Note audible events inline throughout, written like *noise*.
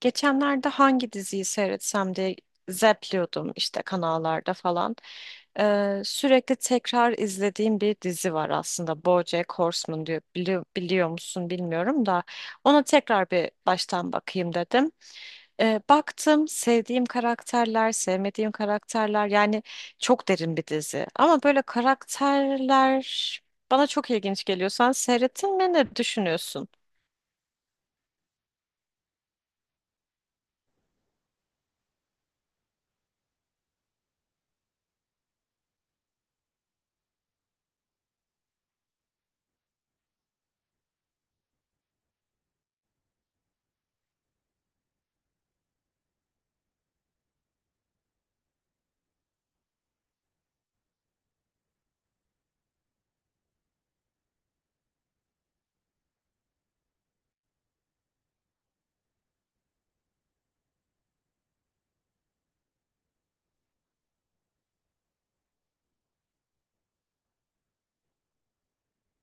Geçenlerde hangi diziyi seyretsem diye zepliyordum işte kanallarda falan. Sürekli tekrar izlediğim bir dizi var aslında. BoJack Horseman diyor. Biliyor musun bilmiyorum da ona tekrar bir baştan bakayım dedim. Baktım sevdiğim karakterler, sevmediğim karakterler, yani çok derin bir dizi. Ama böyle karakterler bana çok ilginç geliyor. Sen seyrettin mi, ne düşünüyorsun?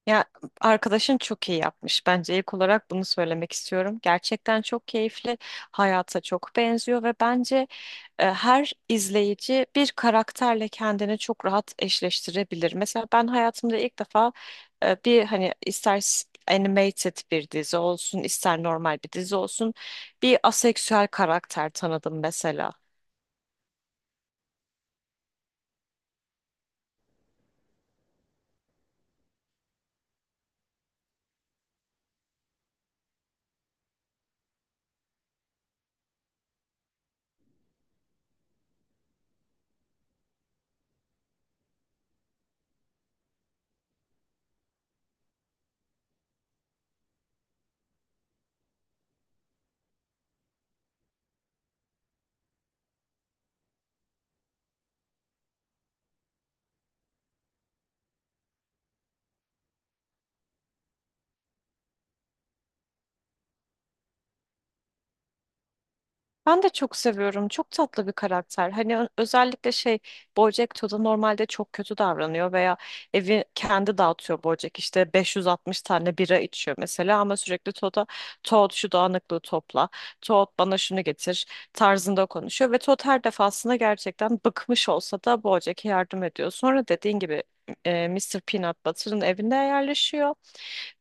Ya arkadaşın çok iyi yapmış. Bence ilk olarak bunu söylemek istiyorum. Gerçekten çok keyifli, hayata çok benziyor ve bence her izleyici bir karakterle kendini çok rahat eşleştirebilir. Mesela ben hayatımda ilk defa bir hani ister animated bir dizi olsun, ister normal bir dizi olsun bir aseksüel karakter tanıdım mesela. Ben de çok seviyorum. Çok tatlı bir karakter. Hani özellikle şey, BoJack Todd normalde çok kötü davranıyor veya evi kendi dağıtıyor BoJack. İşte 560 tane bira içiyor mesela ama sürekli Todd'a Todd şu dağınıklığı topla, Todd bana şunu getir tarzında konuşuyor ve Todd her defasında gerçekten bıkmış olsa da BoJack'e yardım ediyor. Sonra dediğin gibi Mr. Peanut Butter'ın evinde yerleşiyor.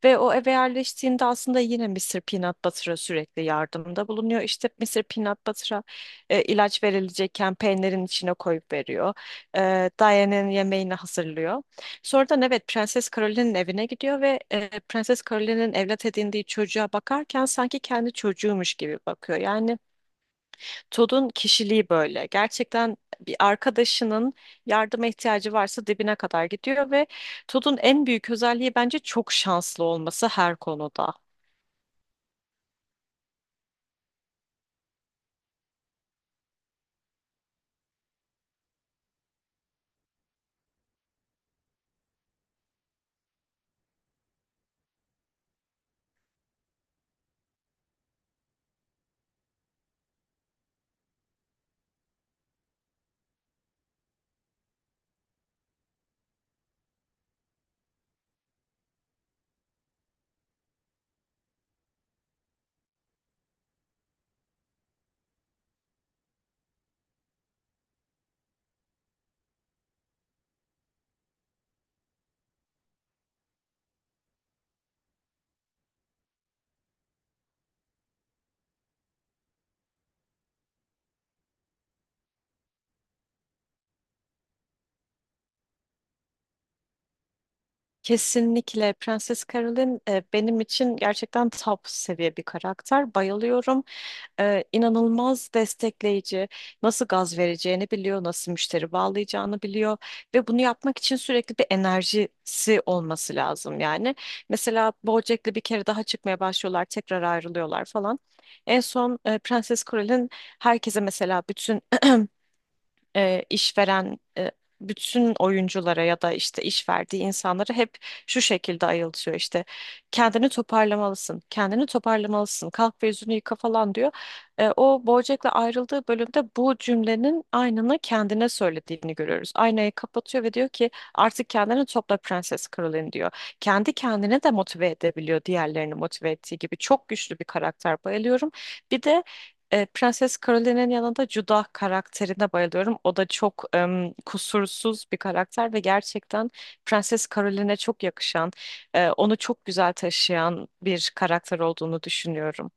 Ve o eve yerleştiğinde aslında yine Mr. Peanut Butter'a sürekli yardımda bulunuyor. İşte Mr. Peanut Butter'a ilaç verilecekken peynirin içine koyup veriyor. Diane'in yemeğini hazırlıyor. Sonradan evet Prenses Caroline'in evine gidiyor ve Prenses Caroline'in evlat edindiği çocuğa bakarken sanki kendi çocuğumuş gibi bakıyor. Yani Todd'un kişiliği böyle. Gerçekten bir arkadaşının yardıma ihtiyacı varsa dibine kadar gidiyor ve Todd'un en büyük özelliği bence çok şanslı olması her konuda. Kesinlikle Prenses Caroline benim için gerçekten top seviye bir karakter. Bayılıyorum. İnanılmaz destekleyici. Nasıl gaz vereceğini biliyor, nasıl müşteri bağlayacağını biliyor ve bunu yapmak için sürekli bir enerjisi olması lazım yani. Mesela BoJack'le bir kere daha çıkmaya başlıyorlar, tekrar ayrılıyorlar falan. En son Prenses Caroline herkese mesela bütün *clears throat* işveren bütün oyunculara ya da işte iş verdiği insanları hep şu şekilde ayıltıyor işte: kendini toparlamalısın, kendini toparlamalısın, kalk ve yüzünü yıka falan diyor. O BoJack'le ayrıldığı bölümde bu cümlenin aynını kendine söylediğini görüyoruz. Aynayı kapatıyor ve diyor ki artık kendini topla Prenses Caroline diyor. Kendi kendine de motive edebiliyor diğerlerini motive ettiği gibi. Çok güçlü bir karakter, bayılıyorum. Bir de Prenses Caroline'in yanında Judah karakterine bayılıyorum. O da çok kusursuz bir karakter ve gerçekten Prenses Caroline'e çok yakışan, onu çok güzel taşıyan bir karakter olduğunu düşünüyorum.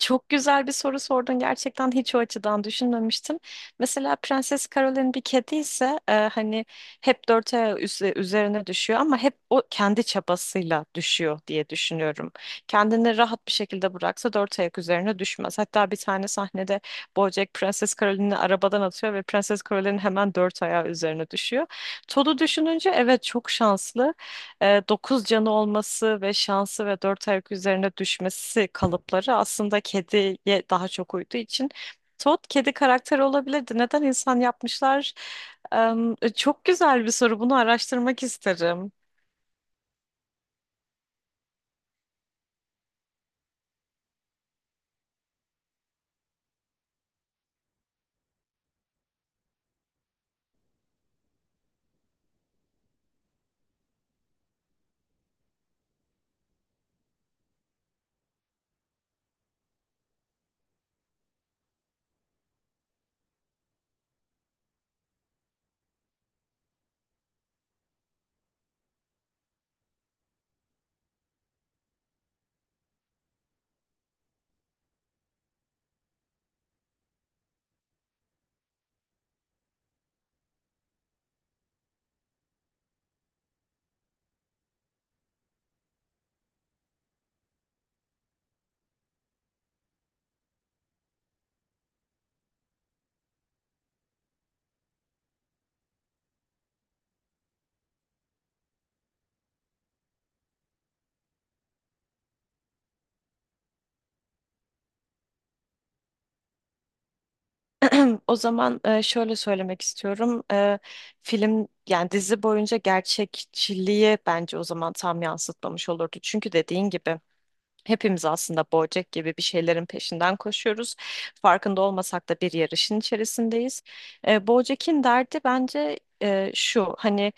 Çok güzel bir soru sordun. Gerçekten hiç o açıdan düşünmemiştim. Mesela Prenses Caroline bir kedi ise hani hep dört ayağı üzerine düşüyor ama hep o kendi çabasıyla düşüyor diye düşünüyorum. Kendini rahat bir şekilde bıraksa dört ayak üzerine düşmez. Hatta bir tane sahnede BoJack Prenses Caroline'i arabadan atıyor ve Prenses Caroline hemen dört ayağı üzerine düşüyor. Todd'u düşününce evet çok şanslı, 9 canı olması ve şansı ve 4 ayak üzerine düşmesi kalıpları aslında kediye daha çok uyduğu için Todd kedi karakteri olabilirdi. Neden insan yapmışlar? Çok güzel bir soru. Bunu araştırmak isterim. *clears throat* O zaman şöyle söylemek istiyorum. Film, yani dizi boyunca gerçekçiliği bence o zaman tam yansıtmamış olurdu. Çünkü dediğin gibi hepimiz aslında Bojack gibi bir şeylerin peşinden koşuyoruz. Farkında olmasak da bir yarışın içerisindeyiz. Bojack'in derdi bence şu: hani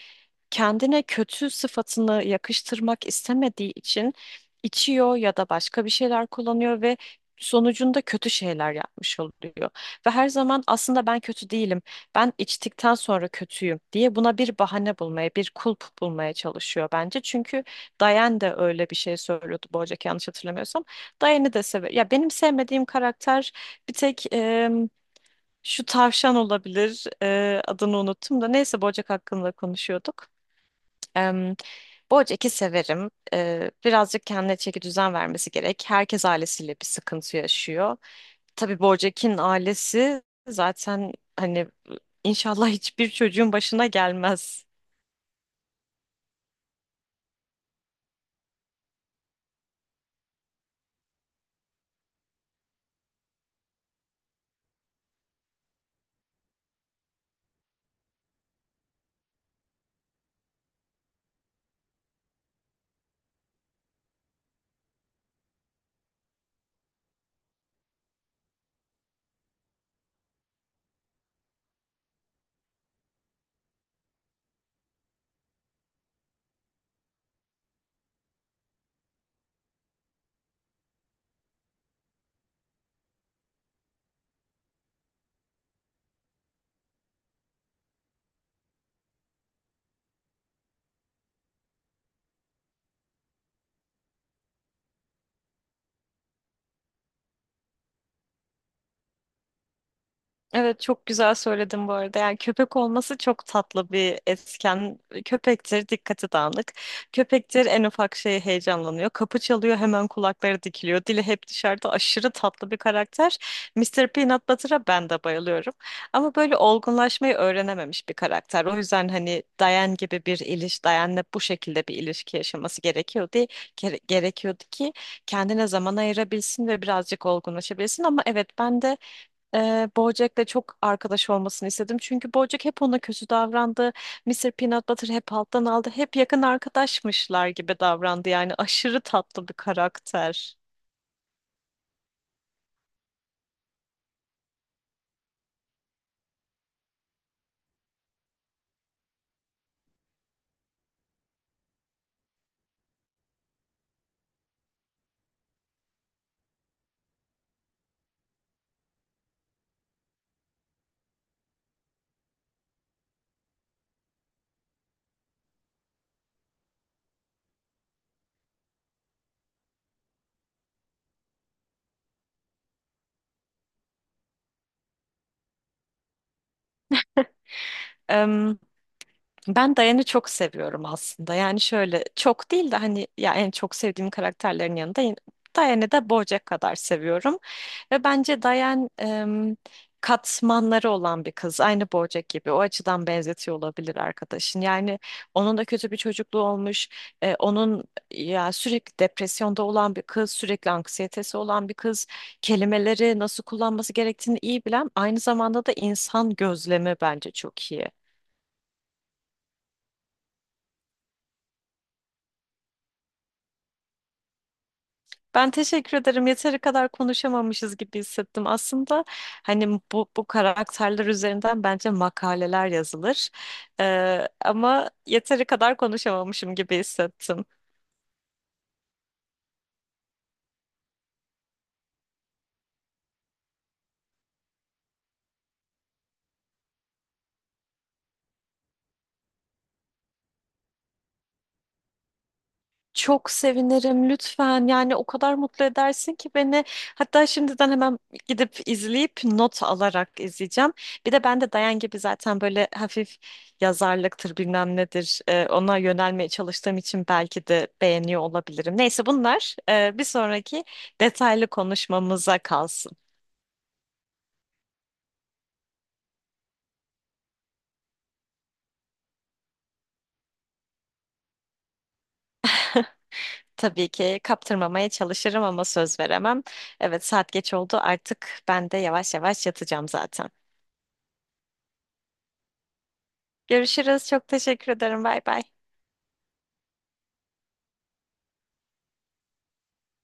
kendine kötü sıfatını yakıştırmak istemediği için içiyor ya da başka bir şeyler kullanıyor ve sonucunda kötü şeyler yapmış oluyor. Ve her zaman aslında ben kötü değilim, ben içtikten sonra kötüyüm diye buna bir bahane bulmaya, bir kulp bulmaya çalışıyor bence. Çünkü Diane de öyle bir şey söylüyordu Bojack, yanlış hatırlamıyorsam. Diane'i de sever. Ya benim sevmediğim karakter bir tek şu tavşan olabilir. Adını unuttum da neyse, Bojack hakkında konuşuyorduk. Em, Bojack'i severim. Birazcık kendine çeki düzen vermesi gerek. Herkes ailesiyle bir sıkıntı yaşıyor. Tabii Bojack'in ailesi zaten hani inşallah hiçbir çocuğun başına gelmez. Evet çok güzel söyledin bu arada. Yani köpek olması çok tatlı bir etken. Köpektir, dikkati dağınık. Köpektir, en ufak şeye heyecanlanıyor. Kapı çalıyor, hemen kulakları dikiliyor. Dili hep dışarıda, aşırı tatlı bir karakter. Mister Peanut Butter'a ben de bayılıyorum. Ama böyle olgunlaşmayı öğrenememiş bir karakter. O yüzden hani Diane gibi bir Diane'le bu şekilde bir ilişki yaşaması gerekiyordu ki kendine zaman ayırabilsin ve birazcık olgunlaşabilsin. Ama evet ben de BoJack'le çok arkadaş olmasını istedim. Çünkü BoJack hep ona kötü davrandı. Mr. Peanut Butter hep alttan aldı. Hep yakın arkadaşmışlar gibi davrandı. Yani aşırı tatlı bir karakter. Em, Ben Diane'i çok seviyorum aslında. Yani şöyle çok değil de hani ya en çok sevdiğim karakterlerin yanında yine- Diane'i de BoJack kadar seviyorum. Ve bence Dayan katmanları olan bir kız. Aynı Bojack gibi. O açıdan benzetiyor olabilir arkadaşın. Yani onun da kötü bir çocukluğu olmuş. Onun ya sürekli depresyonda olan bir kız, sürekli anksiyetesi olan bir kız. Kelimeleri nasıl kullanması gerektiğini iyi bilen, aynı zamanda da insan gözlemi bence çok iyi. Ben teşekkür ederim. Yeteri kadar konuşamamışız gibi hissettim. Aslında hani bu karakterler üzerinden bence makaleler yazılır. Ama yeteri kadar konuşamamışım gibi hissettim. Çok sevinirim lütfen. Yani o kadar mutlu edersin ki beni. Hatta şimdiden hemen gidip izleyip not alarak izleyeceğim. Bir de ben de Dayan gibi zaten böyle hafif yazarlıktır bilmem nedir ona yönelmeye çalıştığım için belki de beğeniyor olabilirim. Neyse bunlar bir sonraki detaylı konuşmamıza kalsın. Tabii ki kaptırmamaya çalışırım ama söz veremem. Evet saat geç oldu, artık ben de yavaş yavaş yatacağım zaten. Görüşürüz. Çok teşekkür ederim. Bay bay.